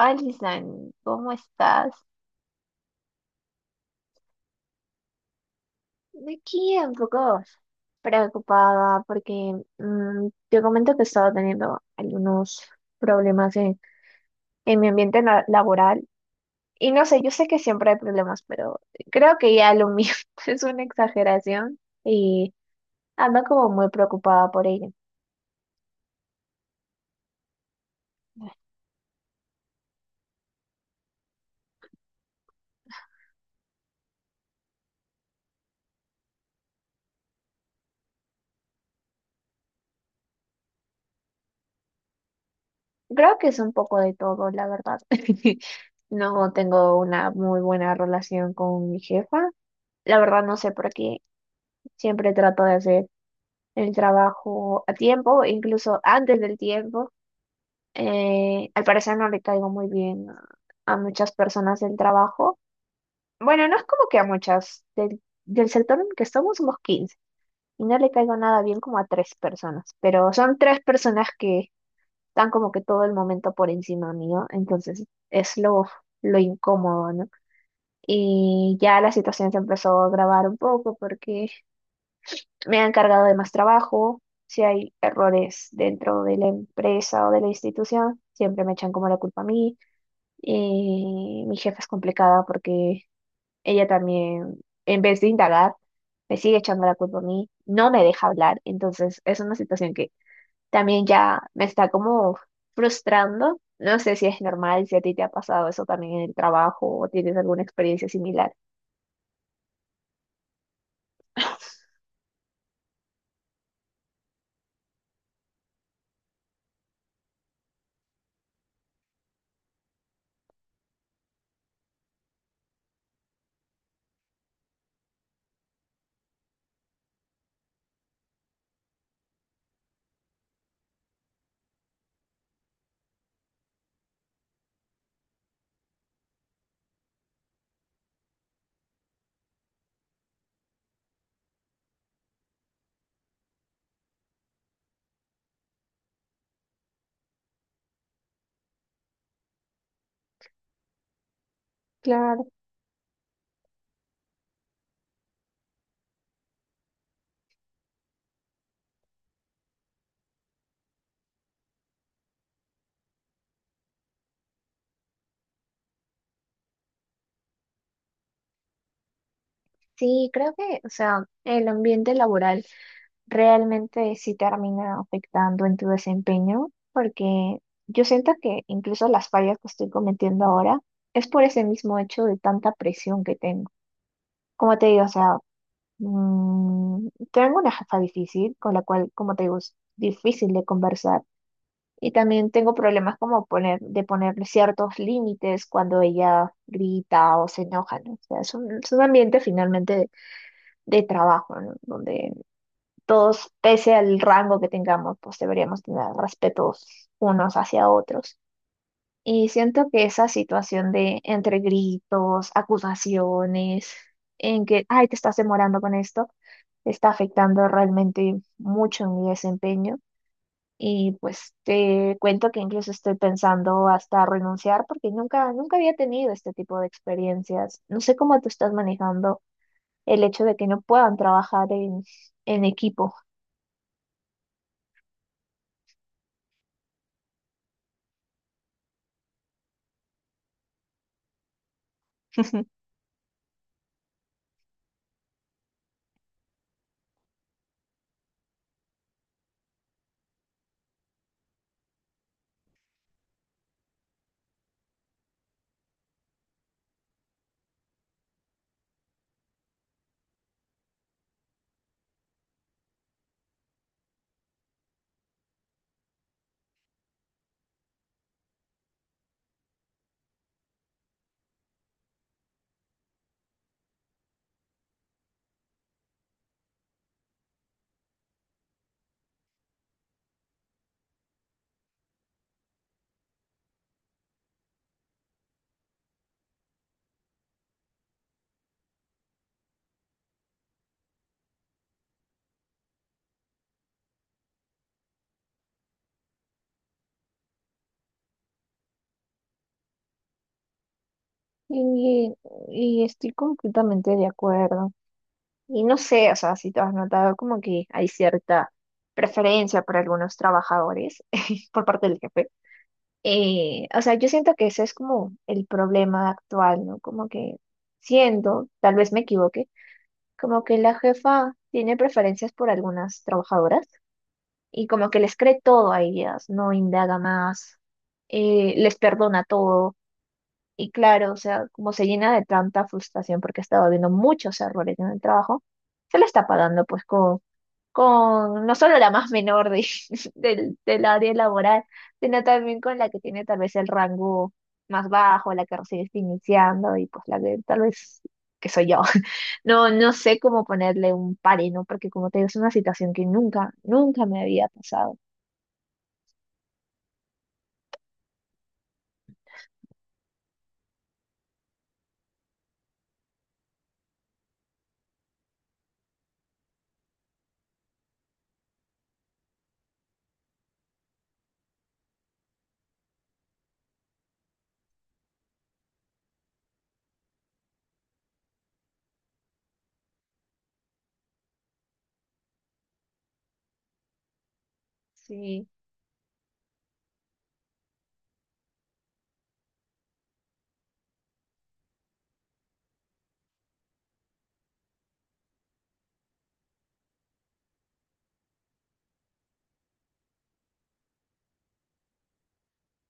Alison, ¿cómo estás? Aquí un poco preocupada porque te comento que he estado teniendo algunos problemas en mi ambiente laboral. Y no sé, yo sé que siempre hay problemas, pero creo que ya lo mío es una exageración y ando como muy preocupada por ello. Creo que es un poco de todo, la verdad. No tengo una muy buena relación con mi jefa. La verdad no sé por qué. Siempre trato de hacer el trabajo a tiempo, incluso antes del tiempo. Al parecer no le caigo muy bien a muchas personas del trabajo. Bueno, no es como que a muchas. Del sector en el que estamos somos 15 y no le caigo nada bien como a tres personas, pero son tres personas que están como que todo el momento por encima mío, entonces es lo incómodo, ¿no? Y ya la situación se empezó a agravar un poco porque me han cargado de más trabajo. Si hay errores dentro de la empresa o de la institución, siempre me echan como la culpa a mí. Y mi jefa es complicada porque ella también, en vez de indagar, me sigue echando la culpa a mí, no me deja hablar, entonces es una situación que también ya me está como frustrando. No sé si es normal, si a ti te ha pasado eso también en el trabajo o tienes alguna experiencia similar. Claro. Sí, creo que, o sea, el ambiente laboral realmente sí termina afectando en tu desempeño, porque yo siento que incluso las fallas que estoy cometiendo ahora es por ese mismo hecho de tanta presión que tengo. Como te digo, o sea, tengo una jefa difícil, con la cual, como te digo, es difícil de conversar. Y también tengo problemas como ponerle ciertos límites cuando ella grita o se enoja, ¿no? O sea, es un ambiente finalmente de trabajo, ¿no? Donde todos, pese al rango que tengamos, pues deberíamos tener respetos unos hacia otros. Y siento que esa situación de entre gritos, acusaciones, en que, ay, te estás demorando con esto, está afectando realmente mucho en mi desempeño. Y pues te cuento que incluso estoy pensando hasta renunciar porque nunca, nunca había tenido este tipo de experiencias. No sé cómo tú estás manejando el hecho de que no puedan trabajar en equipo. Y, y estoy completamente de acuerdo. Y no sé, o sea, si tú has notado como que hay cierta preferencia por algunos trabajadores por parte del jefe. O sea, yo siento que ese es como el problema actual, ¿no? Como que siento, tal vez me equivoque, como que la jefa tiene preferencias por algunas trabajadoras y como que les cree todo a ellas, no indaga más, les perdona todo. Y claro, o sea, como se llena de tanta frustración porque estaba viendo muchos errores en el trabajo, se la está pagando pues con no solo la más menor de, del área laboral, sino también con la que tiene tal vez el rango más bajo, la que recién está iniciando y pues la que tal vez que soy yo. No sé cómo ponerle un pare, ¿no? Porque como te digo, es una situación que nunca, nunca me había pasado. Sí,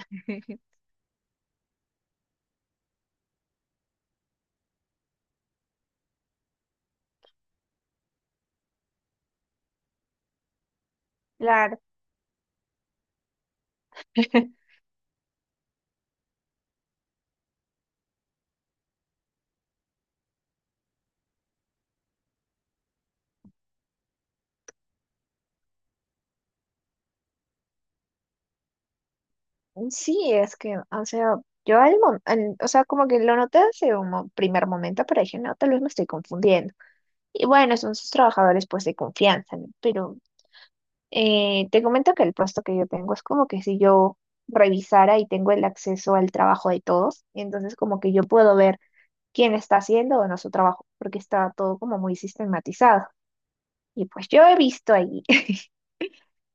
claro. Sí, es que, o sea, yo o sea, como que lo noté hace primer momento, pero dije, no, tal vez me estoy confundiendo. Y bueno, son sus trabajadores, pues, de confianza, ¿no? Pero te comento que el puesto que yo tengo es como que si yo revisara y tengo el acceso al trabajo de todos, entonces como que yo puedo ver quién está haciendo o no su trabajo, porque está todo como muy sistematizado. Y pues yo he visto ahí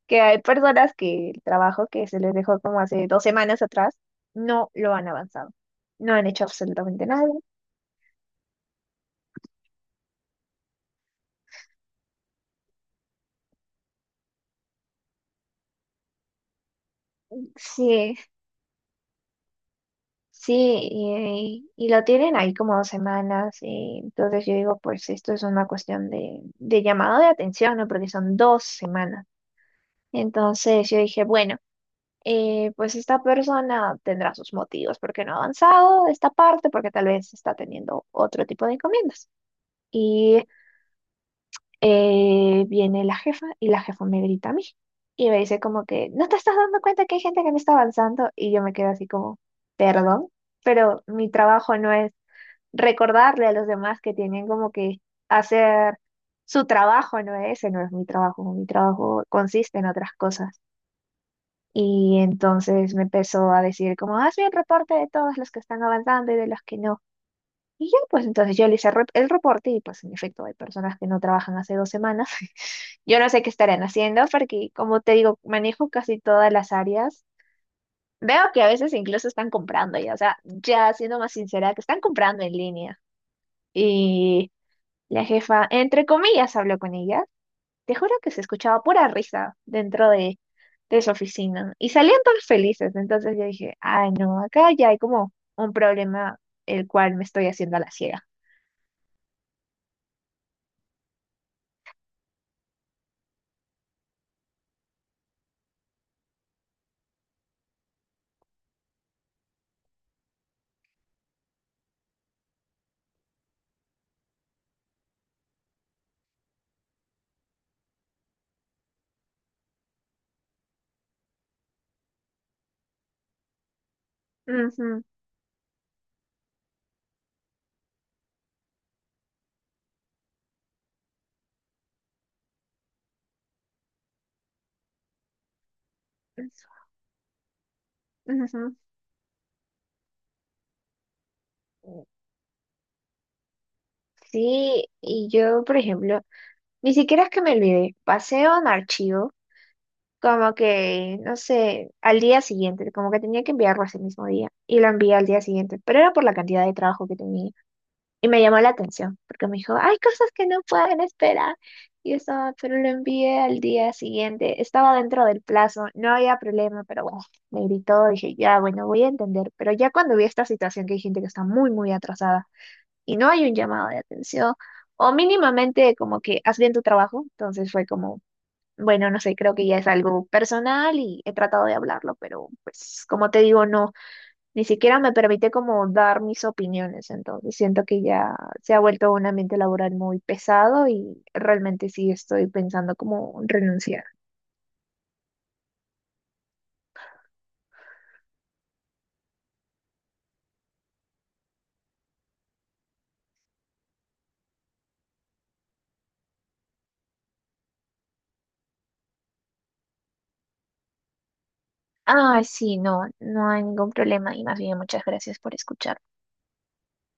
que hay personas que el trabajo que se les dejó como hace dos semanas atrás no lo han avanzado, no han hecho absolutamente nada. Sí, sí, y lo tienen ahí como dos semanas, y entonces yo digo, pues esto es una cuestión de llamado de atención, ¿no? Porque son dos semanas. Entonces yo dije, bueno. Eh, pues esta persona tendrá sus motivos porque no ha avanzado esta parte, porque tal vez está teniendo otro tipo de encomiendas. Y viene la jefa y la jefa me grita a mí y me dice como que, ¿no te estás dando cuenta que hay gente que no está avanzando? Y yo me quedo así como, perdón, pero mi trabajo no es recordarle a los demás que tienen como que hacer su trabajo, no es mi trabajo consiste en otras cosas. Y entonces me empezó a decir como, haz bien reporte de todos los que están avanzando y de los que no. Y ya, pues entonces yo le hice el reporte y pues en efecto hay personas que no trabajan hace dos semanas. Yo no sé qué estarán haciendo porque, como te digo, manejo casi todas las áreas. Veo que a veces incluso están comprando ya, o sea, ya siendo más sincera, que están comprando en línea. Y la jefa, entre comillas, habló con ella. Te juro que se escuchaba pura risa dentro de su oficina y salían todos felices. Entonces yo dije, ay, no, acá ya hay como un problema el cual me estoy haciendo a la ciega. Ujú. Ujú. Sí, y yo, por ejemplo, ni siquiera es que me olvidé, pasé a un archivo, como que, no sé, al día siguiente, como que tenía que enviarlo ese mismo día, y lo envié al día siguiente, pero era por la cantidad de trabajo que tenía, y me llamó la atención, porque me dijo, hay cosas que no pueden esperar, y yo estaba, pero lo envié al día siguiente, estaba dentro del plazo, no había problema, pero bueno, me gritó, dije, ya, bueno, voy a entender, pero ya cuando vi esta situación que hay gente que está muy, muy atrasada, y no hay un llamado de atención, o mínimamente como que haz bien tu trabajo. Entonces fue como, bueno, no sé, creo que ya es algo personal y he tratado de hablarlo, pero pues como te digo, no, ni siquiera me permite como dar mis opiniones. Entonces siento que ya se ha vuelto un ambiente laboral muy pesado y realmente sí estoy pensando como renunciar. Ah, sí, no, no hay ningún problema y más bien muchas gracias por escuchar.